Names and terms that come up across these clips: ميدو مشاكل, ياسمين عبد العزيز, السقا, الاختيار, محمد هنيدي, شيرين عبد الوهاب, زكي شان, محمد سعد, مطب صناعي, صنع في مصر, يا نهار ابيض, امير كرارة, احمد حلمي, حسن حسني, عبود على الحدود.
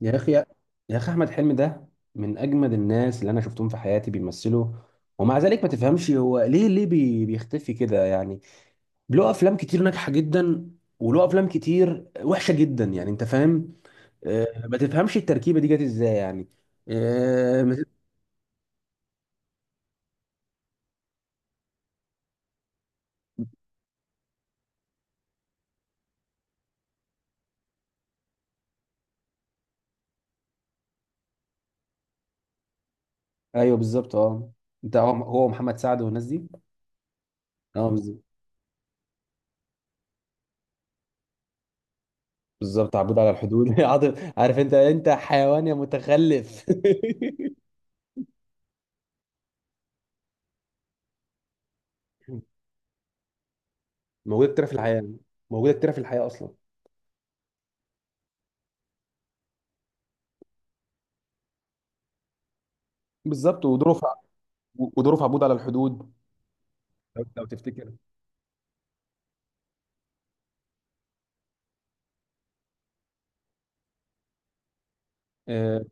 يا اخي احمد حلمي ده من اجمد الناس اللي انا شفتهم في حياتي بيمثلوا. ومع ذلك ما تفهمش هو ليه بيختفي كده يعني. له افلام كتير ناجحه جدا وله افلام كتير وحشه جدا، يعني انت فاهم؟ ما تفهمش التركيبه دي جت ازاي يعني. آه، ما تف- ايوه بالظبط اه. انت هو محمد سعد والناس دي. اه بالظبط. بالظبط، عبود على الحدود عاطف. عارف انت حيوان يا متخلف موجوده كتير في الحياه، موجوده كتير في الحياه اصلا. بالظبط، وظروف عبود على الحدود. لو تفتكر. آه،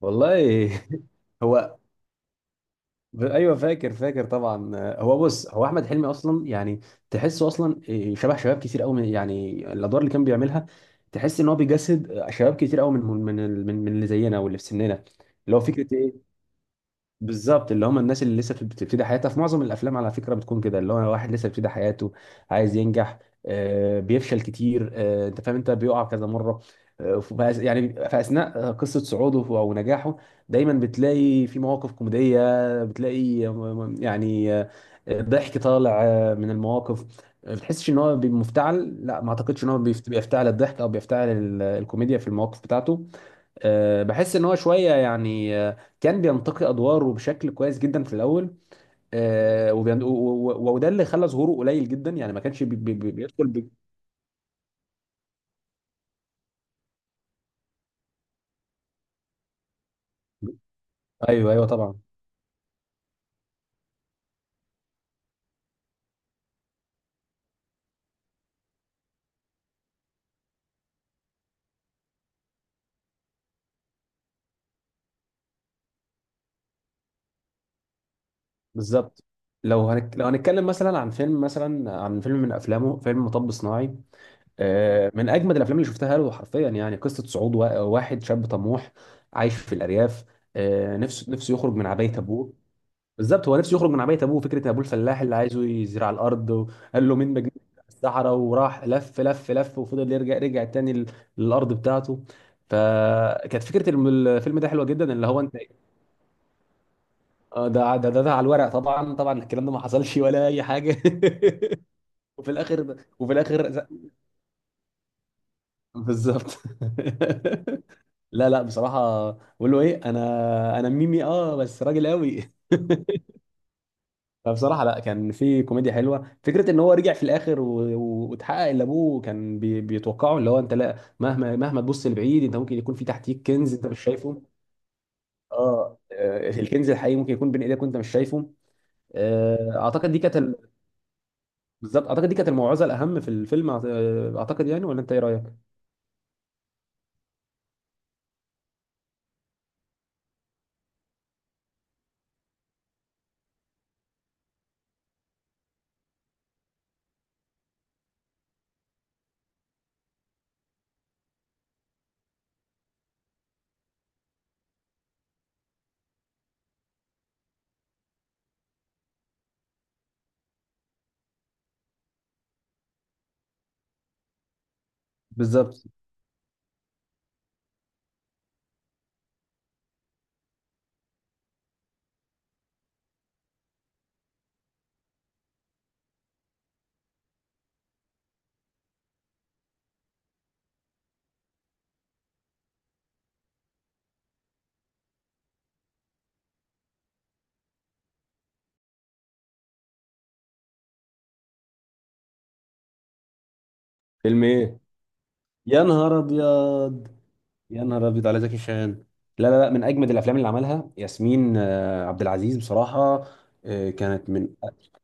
والله هو. ايوه فاكر، فاكر طبعا. هو بص، هو احمد حلمي اصلا يعني تحسه اصلا، شبه شباب كتير قوي، من يعني الادوار اللي كان بيعملها. تحس ان هو بيجسد شباب كتير قوي من اللي زينا واللي في سننا. اللي هو فكره إيه؟ بالظبط، اللي هم الناس اللي لسه بتبتدي حياتها. في معظم الافلام على فكره بتكون كده، اللي هو واحد لسه بيبتدي حياته، عايز ينجح، بيفشل كتير. انت فاهم؟ انت بيقع كذا مره. يعني في اثناء قصه صعوده او نجاحه دايما بتلاقي في مواقف كوميديه. بتلاقي ضحك طالع من المواقف. بتحسش ان هو مفتعل. لا، ما اعتقدش ان هو بيفتعل الضحك او بيفتعل الكوميديا في المواقف بتاعته. بحس ان هو شويه يعني، كان بينتقي ادواره بشكل كويس جدا في الاول. وده اللي خلى ظهوره قليل جدا يعني، ما كانش بيدخل ب... ايوه ايوه طبعا بالظبط. لو هنتكلم مثلا عن فيلم، مثلا عن فيلم من افلامه، فيلم مطب صناعي. من اجمد الافلام اللي شفتها له حرفيا، يعني قصه صعود واحد شاب طموح عايش في الارياف، نفسه يخرج من عبايه ابوه. بالظبط، هو نفسه يخرج من عبايه ابوه. فكره ابوه الفلاح اللي عايزه يزرع الارض، وقال له مين بجني الصحراء؟ وراح لف وفضل يرجع، للارض بتاعته. فكانت فكره الفيلم ده حلوه جدا. اللي هو انت إيه؟ ده على الورق طبعا، طبعا الكلام ده ما حصلش ولا اي حاجه وفي الاخر بالظبط لا لا بصراحه. بقول له ايه؟ انا ميمي، اه بس راجل قوي فبصراحة لا، كان في كوميديا حلوة. فكرة ان هو رجع في الاخر واتحقق اللي ابوه كان بيتوقعه، اللي هو انت لا، مهما تبص لبعيد، انت ممكن يكون في تحتيك كنز انت مش شايفه. اه، الكنز الحقيقي ممكن يكون بين ايدك وانت مش شايفه. اعتقد دي كانت بالظبط، اعتقد دي كانت الموعظة الاهم في الفيلم. اعتقد يعني، ولا انت ايه رأيك؟ بالظبط. فيلم ايه؟ يا نهار ابيض. يا نهار ابيض على زكي شان. لا لا لا، من اجمد الافلام اللي عملها ياسمين عبد العزيز بصراحه. كانت من،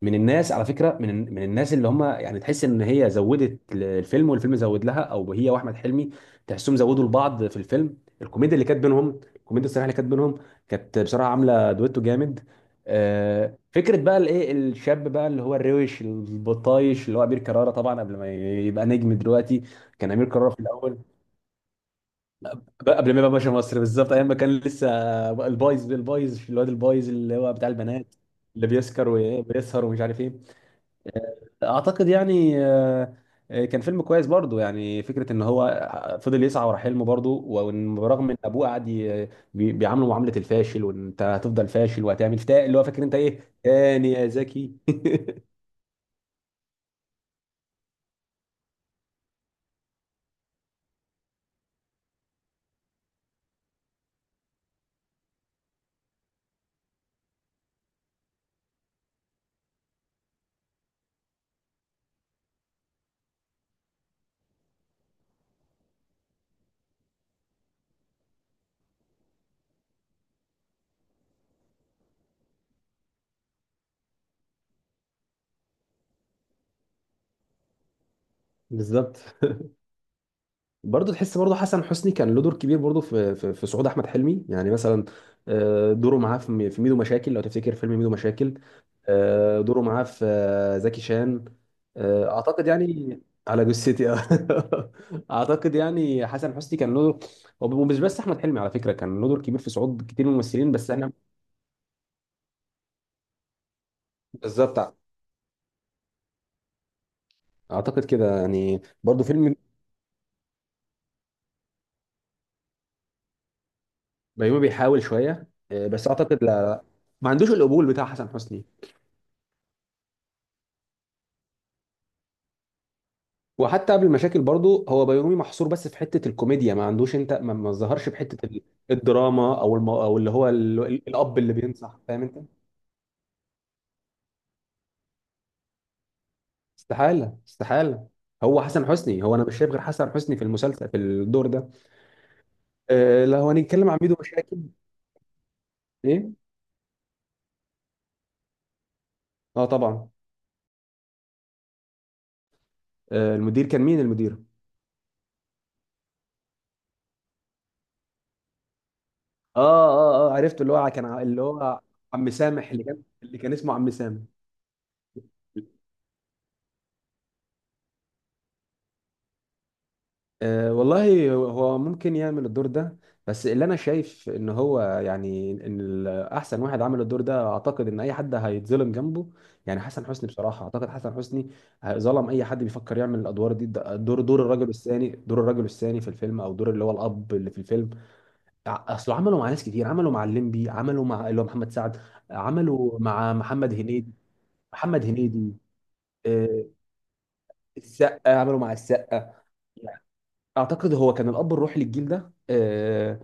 من الناس على فكره، من الناس اللي هم يعني تحس ان هي زودت الفيلم والفيلم زود لها، او هي واحمد حلمي تحسهم زودوا لبعض في الفيلم. الكوميديا اللي كانت بينهم، الكوميديا الصريحه اللي كانت بينهم كانت بصراحه عامله دويتو جامد. فكره بقى الايه، الشاب بقى اللي هو الروش البطايش، اللي هو امير كرارة، طبعا قبل ما يبقى نجم دلوقتي. كان امير كرارة في الاول بقى قبل ما يبقى باشا مصر، بالظبط ايام ما كان لسه البايظ في الواد البايظ، اللي هو بتاع البنات، اللي بيسكر وبيسهر ومش عارف ايه. اعتقد يعني كان فيلم كويس برضو. يعني فكره ان هو فضل يسعى ورا حلمه برضو، وإن برغم ان ابوه قعد بيعامله معامله الفاشل، وان انت هتفضل فاشل وهتعمل تا، اللي هو فاكر انت ايه تاني يا زكي بالظبط. برضه تحس برضه حسن حسني كان له دور كبير برضه في صعود احمد حلمي. يعني مثلا دوره معاه في ميدو مشاكل، لو تفتكر فيلم ميدو مشاكل، دوره معاه في زكي شان، اعتقد يعني، على جثتي. اعتقد يعني حسن حسني كان له. ومش بس احمد حلمي على فكره، كان له دور كبير في صعود كتير من الممثلين بس احنا. بالظبط. اعتقد كده يعني، برضه فيلم. بيومي بيحاول شويه بس اعتقد لا، ما عندوش القبول بتاع حسن حسني. وحتى قبل المشاكل برضه، هو بيومي محصور بس في حته الكوميديا. ما عندوش، انت ما ظهرش في حته الدراما، او او اللي هو الاب اللي بينصح، فاهم انت. استحاله، استحاله. هو حسن حسني، هو انا مش شايف غير حسن حسني في المسلسل في الدور ده. آه، لو هنتكلم عن ميدو مشاكل. ايه؟ اه طبعا. آه، المدير كان مين المدير؟ اه اه اه، عرفت اللي هو اللي هو عم سامح، اللي كان، اللي كان اسمه عم سامح. أه والله، هو ممكن يعمل الدور ده. بس اللي انا شايف ان هو يعني، ان احسن واحد عمل الدور ده اعتقد ان اي حد هيتظلم جنبه. يعني حسن حسني بصراحه، اعتقد حسن حسني ظلم اي حد بيفكر يعمل الادوار دي. دور الرجل الثاني، دور الرجل الثاني في الفيلم، او دور اللي هو الاب اللي في الفيلم. اصله عملوا مع ناس كتير، عملوا مع الليمبي، عملوا مع اللي هو محمد سعد، عملوا مع محمد هنيدي، محمد هنيدي، أه السقا، عملوا مع السقا. اعتقد هو كان الاب الروحي للجيل ده. آه،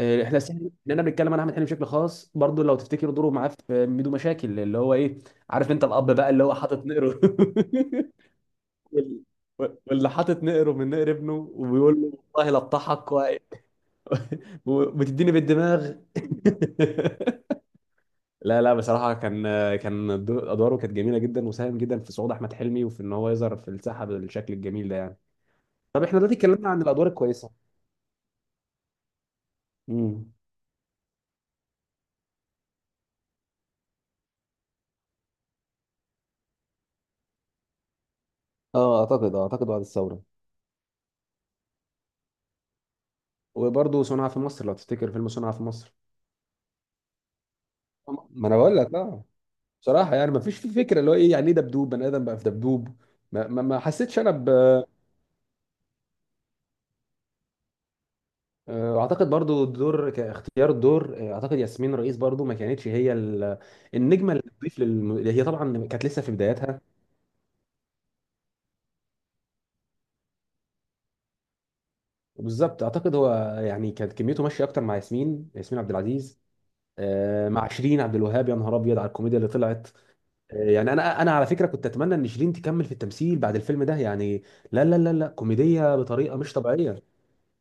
آه، احنا سهل ان انا بنتكلم عن احمد حلمي بشكل خاص برضو. لو تفتكروا دوره معاه في ميدو مشاكل اللي هو ايه، عارف انت الاب بقى اللي هو حاطط نقره وال- واللي حاطط نقره من نقر ابنه، وبيقول له والله لا اضحك وبتديني بالدماغ لا لا بصراحه كان، ادواره كانت جميله جدا، وساهم جدا في صعود احمد حلمي وفي ان هو يظهر في الساحه بالشكل الجميل ده يعني. طب احنا دلوقتي اتكلمنا عن الادوار الكويسه. امم، اه اعتقد اعتقد بعد الثوره. وبرضه صنع في مصر، لو تفتكر فيلم صنع في مصر. ما انا بقول لك اه، بصراحه يعني ما فيش، في فكره اللي هو ايه، يعني ايه دبدوب؟ بني ادم بقى في دبدوب؟ ما حسيتش انا ب. اعتقد برضو الدور كاختيار الدور، اعتقد ياسمين رئيس برضو ما كانتش هي النجمه اللي تضيف اللي هي طبعا كانت لسه في بداياتها. بالظبط. اعتقد هو يعني كانت كميته ماشيه اكتر مع ياسمين، عبد العزيز. مع شيرين عبد الوهاب يا نهار ابيض على الكوميديا اللي طلعت يعني. انا على فكره كنت اتمنى ان شيرين تكمل في التمثيل بعد الفيلم ده يعني. لا، كوميديه بطريقه مش طبيعيه.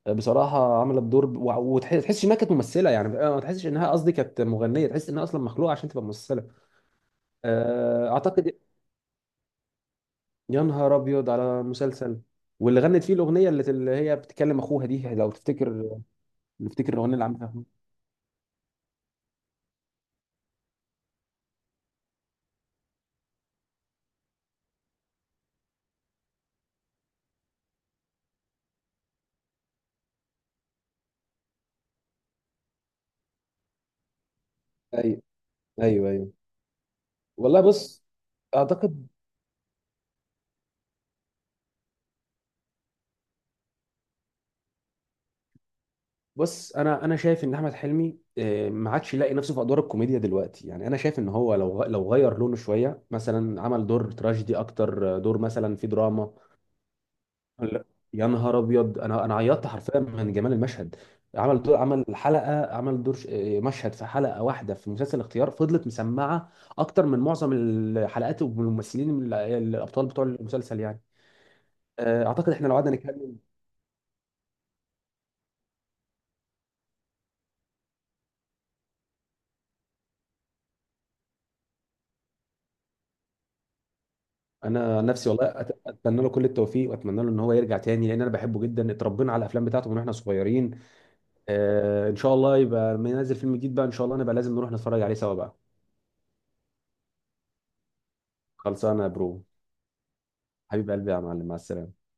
بصراحه عملت دور وتحس، تحسش انها كانت ممثله يعني. ما تحسش انها، قصدي كانت مغنيه، تحس انها اصلا مخلوقه عشان تبقى ممثله. اعتقد. يا نهار ابيض على مسلسل. واللي غنت فيه الاغنيه اللي هي بتكلم اخوها دي، لو تفتكر. نفتكر الاغنيه اللي عملها. ايوه ايوه ايوه. والله بص، اعتقد. بص انا شايف ان احمد حلمي ما عادش يلاقي نفسه في ادوار الكوميديا دلوقتي. يعني انا شايف ان هو لو غير لونه شويه، مثلا عمل دور تراجيدي اكتر، دور مثلا في دراما. لا. يا نهار ابيض، انا عيطت حرفيا من جمال المشهد. عمل دور عمل حلقه عمل دور ش- آه، مشهد في حلقه واحده في مسلسل الاختيار فضلت مسمعه اكتر من معظم الحلقات والممثلين الابطال بتوع المسلسل يعني. اعتقد احنا لو قعدنا. انا نفسي والله اتمنى له كل التوفيق، واتمنى له ان هو يرجع تاني، لان انا بحبه جدا، اتربينا على الافلام بتاعته من واحنا صغيرين. آه ان شاء الله يبقى لما ينزل فيلم جديد بقى ان شاء الله نبقى لازم نروح نتفرج عليه سوا بقى. خلصانه يا برو. حبيب قلبي يا معلم، مع السلامه.